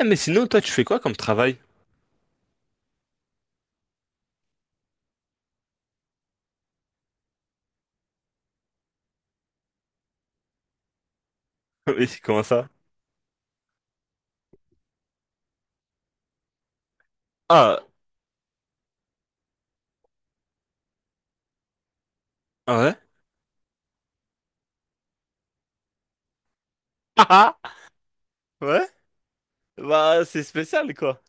Eh, mais sinon, toi, tu fais quoi comme travail? Mais comment ça? Ah, ouais? Ah, ah, ouais? Bah, c'est spécial, quoi.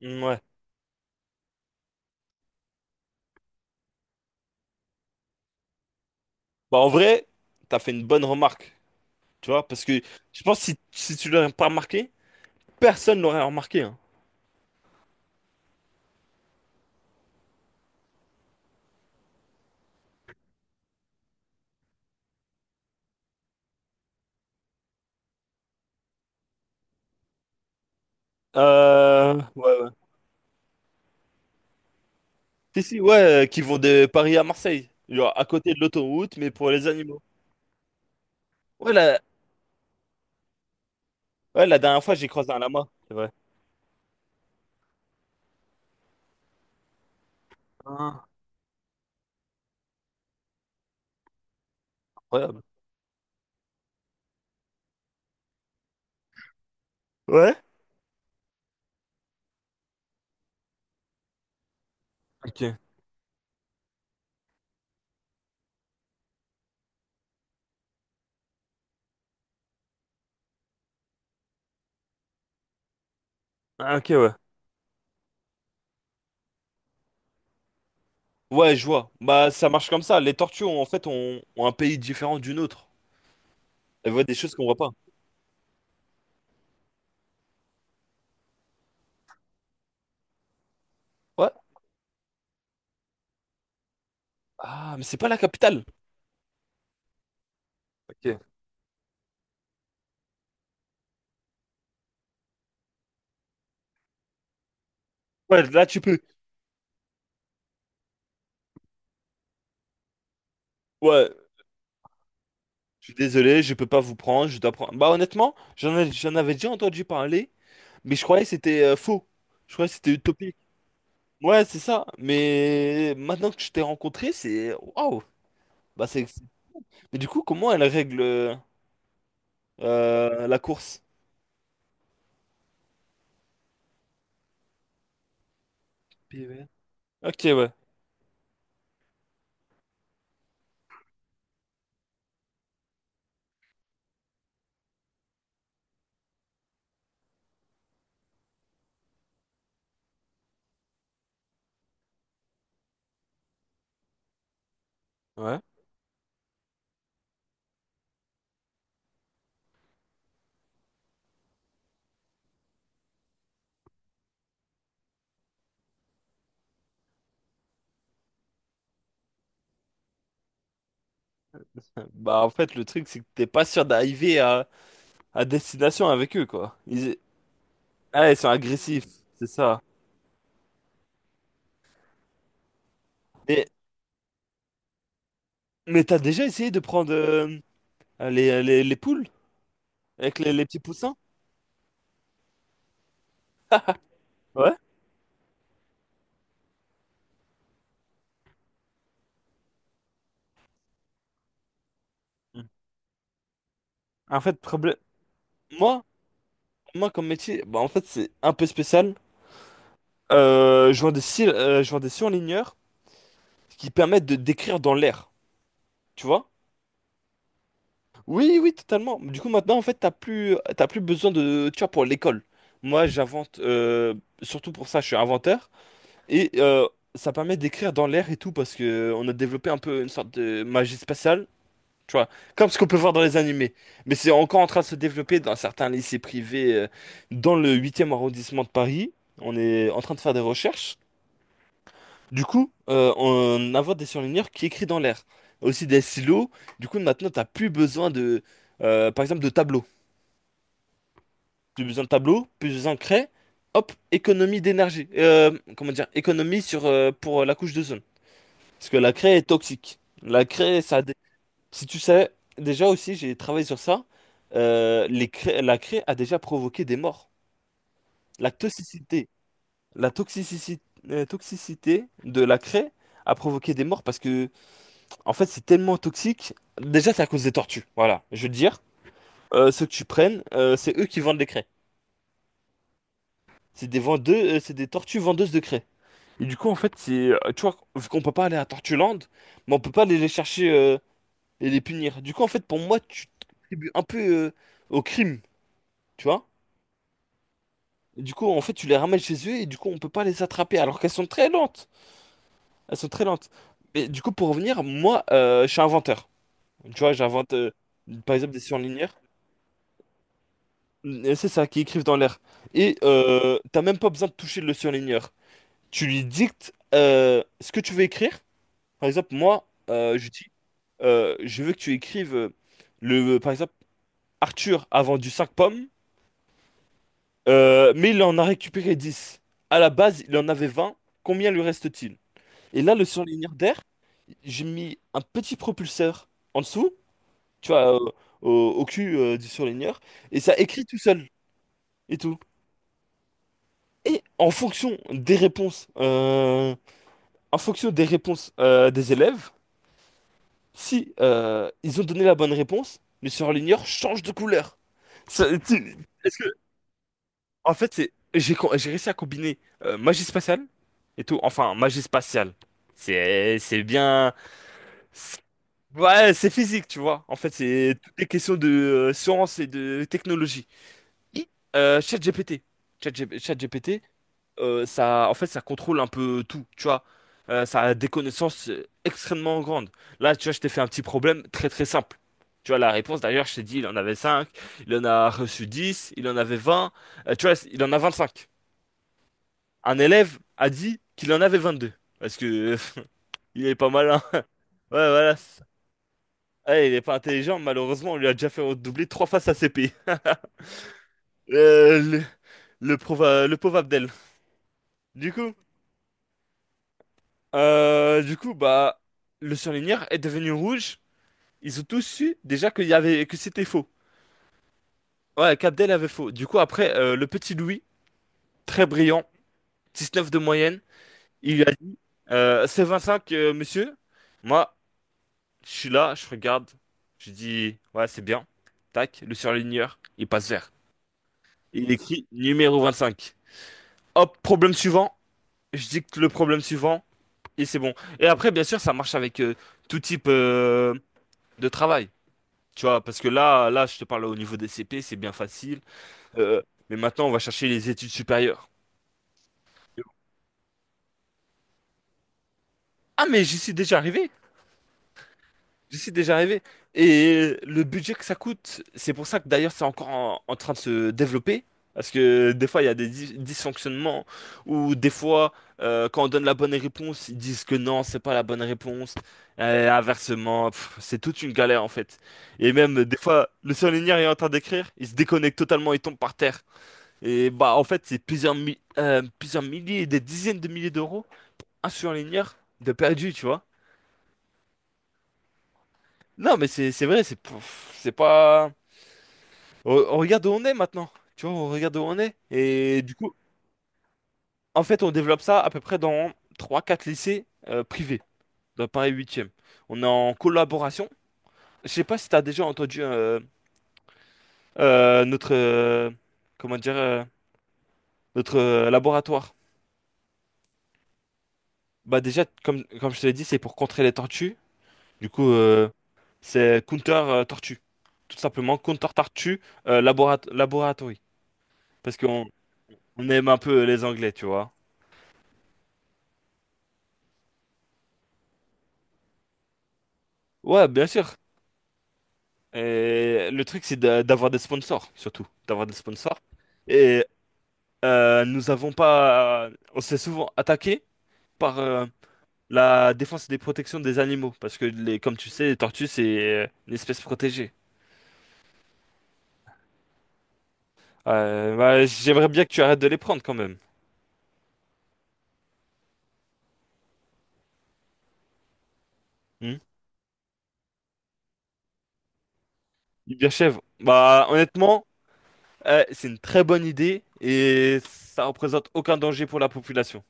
Mm, ouais. Bah, en vrai, t'as fait une bonne remarque, tu vois, parce que je pense que si, si tu l'aurais pas remarqué, personne l'aurait remarqué, hein. Ouais, ouais. Si, si, ouais, qui vont de Paris à Marseille, genre à côté de l'autoroute, mais pour les animaux. Ouais, la, ouais, la dernière fois, j'ai croisé un lama, c'est vrai. Ah, incroyable. Ouais? Ok. Ah, ok, ouais. Ouais, je vois. Bah, ça marche comme ça. En fait, ont un pays différent d'une autre. Elles voient des choses qu'on voit pas. Ouais. Ah, mais c'est pas la capitale. Ok. Ouais, là, tu peux. Ouais, je suis désolé, je peux pas vous prendre, je dois prendre. Bah, honnêtement, j'en avais déjà entendu parler, mais je croyais que c'était faux. Je croyais que c'était utopique. Ouais, c'est ça. Mais maintenant que je t'ai rencontré, c'est. Waouh! Bah, c'est. Mais du coup, comment elle règle la course? P V. Ok, ouais. Ouais. Bah, en fait, le truc, c'est que t'es pas sûr d'arriver à destination avec eux, quoi. Ils, ah, ouais, ils sont agressifs, c'est ça. Mais, mais t'as déjà essayé de prendre les, les poules avec les petits poussins? Ouais. En fait, problème. Moi, moi, comme métier, bah, en fait, c'est un peu spécial. Je vends des, je vends des surligneurs qui permettent de d'écrire dans l'air, tu vois? Oui, oui, totalement. Du coup, maintenant, en fait, t'as plus besoin de, tu vois, pour l'école. Moi, surtout pour ça, je suis inventeur. Et ça permet d'écrire dans l'air et tout parce que on a développé un peu une sorte de magie spatiale, tu vois, comme ce qu'on peut voir dans les animés. Mais c'est encore en train de se développer dans certains lycées privés dans le huitième arrondissement de Paris. On est en train de faire des recherches. Du coup, on invente des surligneurs qui écrit dans l'air. Aussi des silos. Du coup, maintenant, t'as plus besoin de, par exemple, de tableaux. Plus besoin de tableaux, plus besoin de craie. Hop, économie d'énergie. Comment dire, économie sur, pour la couche de parce que la craie est toxique. La craie, ça a des- si tu sais, déjà aussi, j'ai travaillé sur ça. La craie a déjà provoqué des morts. La toxicité, la toxicité de la craie a provoqué des morts parce que, en fait, c'est tellement toxique. Déjà, c'est à cause des tortues. Voilà, je veux dire. Ceux que tu prennes, c'est eux qui vendent les craies. C'est des tortues vendeuses de craies. Et du coup, en fait, c'est, tu vois, vu qu'on peut pas aller à Tortuland, mais on peut pas aller les chercher, et les punir. Du coup, en fait, pour moi, tu contribues un peu au crime, tu vois. Du coup, en fait, tu les ramènes chez eux et du coup, on peut pas les attraper alors qu'elles sont très lentes. Elles sont très lentes. Mais du coup, pour revenir, moi, je suis inventeur. Tu vois, j'invente par exemple des surligneurs. C'est ça, qui écrivent dans l'air. Et t'as même pas besoin de toucher le surligneur. Tu lui dictes ce que tu veux écrire. Par exemple, moi, je dis, je veux que tu écrives le, par exemple, Arthur a vendu 5 pommes. Mais il en a récupéré 10. À la base, il en avait 20. Combien lui reste-t-il? Et là, le surligneur d'air, j'ai mis un petit propulseur en dessous, tu vois, au, au cul du surligneur, et ça écrit tout seul et tout. Et en fonction des réponses, en fonction des réponses des élèves, si ils ont donné la bonne réponse, le surligneur change de couleur. Ça- tu- Est-ce que, En fait, c'est j'ai co- J'ai réussi à combiner magie spatiale et tout. Enfin, magie spatiale. C'est bien. c'est- Ouais, c'est physique, tu vois. En fait, c'est toutes les questions de science et de technologie. Et, Euh, ChatGPT. ChatGPT, ça, en fait, ça contrôle un peu tout, tu vois. Ça a des connaissances extrêmement grandes. Là, tu vois, je t'ai fait un petit problème très très simple. Tu vois, la réponse, d'ailleurs, je t'ai dit, il en avait 5, il en a reçu 10, il en avait 20. Tu vois, il en a vingt-cinq, un élève a dit qu'il en avait 22. Parce que il est pas malin. Ouais, voilà. Ouais, il est pas intelligent, malheureusement, on lui a déjà fait redoubler trois fois sa CP. Euh, le, le pauvre Abdel. Du coup, du coup, bah, le surligneur est devenu rouge. Ils ont tous su déjà que c'était faux. Ouais, qu'Abdel avait faux. Du coup, après, le petit Louis, très brillant, 19 de moyenne, il lui a dit, c'est 25, monsieur. Moi, je suis là, je regarde, je dis, ouais, c'est bien. Tac, le surligneur, il passe vert. Il écrit numéro 25. Hop, problème suivant, je dicte le problème suivant, et c'est bon. Et après, bien sûr, ça marche avec tout type de travail. Tu vois, parce que là, je te parle au niveau des CP, c'est bien facile. Euh, mais maintenant, on va chercher les études supérieures. Ah, mais j'y suis déjà arrivé. C'est déjà arrivé. Et le budget que ça coûte, c'est pour ça que d'ailleurs c'est encore en train de se développer. Parce que des fois il y a des dysfonctionnements, ou des fois quand on donne la bonne réponse, ils disent que non, c'est pas la bonne réponse. Et inversement, pff, c'est toute une galère en fait. Et même des fois, le surligneur est en train d'écrire, il se déconnecte totalement, il tombe par terre. Et bah en fait, c'est plusieurs milliers, des dizaines de milliers d'euros, un surligneur de perdu, tu vois. Non, mais c'est vrai, c'est pff, c'est pas. On regarde où on est maintenant. Tu vois, on regarde où on est. Et du coup, en fait, on développe ça à peu près dans trois quatre lycées privés dans Paris huitième. On est en collaboration. Je sais pas si tu as déjà entendu notre comment dire notre laboratoire. Bah déjà, comme je te l'ai dit, c'est pour contrer les tortues. Du coup, c'est Counter Tortue. Tout simplement, Counter Tortue Laboratory. Parce qu'on on aime un peu les Anglais, tu vois. Ouais, bien sûr. Et le truc, c'est d'avoir des sponsors, surtout. D'avoir des sponsors. Et nous avons pas. On s'est souvent attaqué par la défense et des protections des animaux. Parce que, les, comme tu sais, les tortues, c'est une espèce protégée. Bah, j'aimerais bien que tu arrêtes de les prendre quand même. Hmm. Les bières chèvres. Bah, honnêtement, c'est une très bonne idée et ça représente aucun danger pour la population.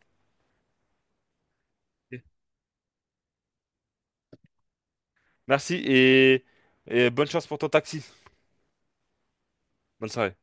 Ok. Merci, et bonne chance pour ton taxi. Bonne soirée.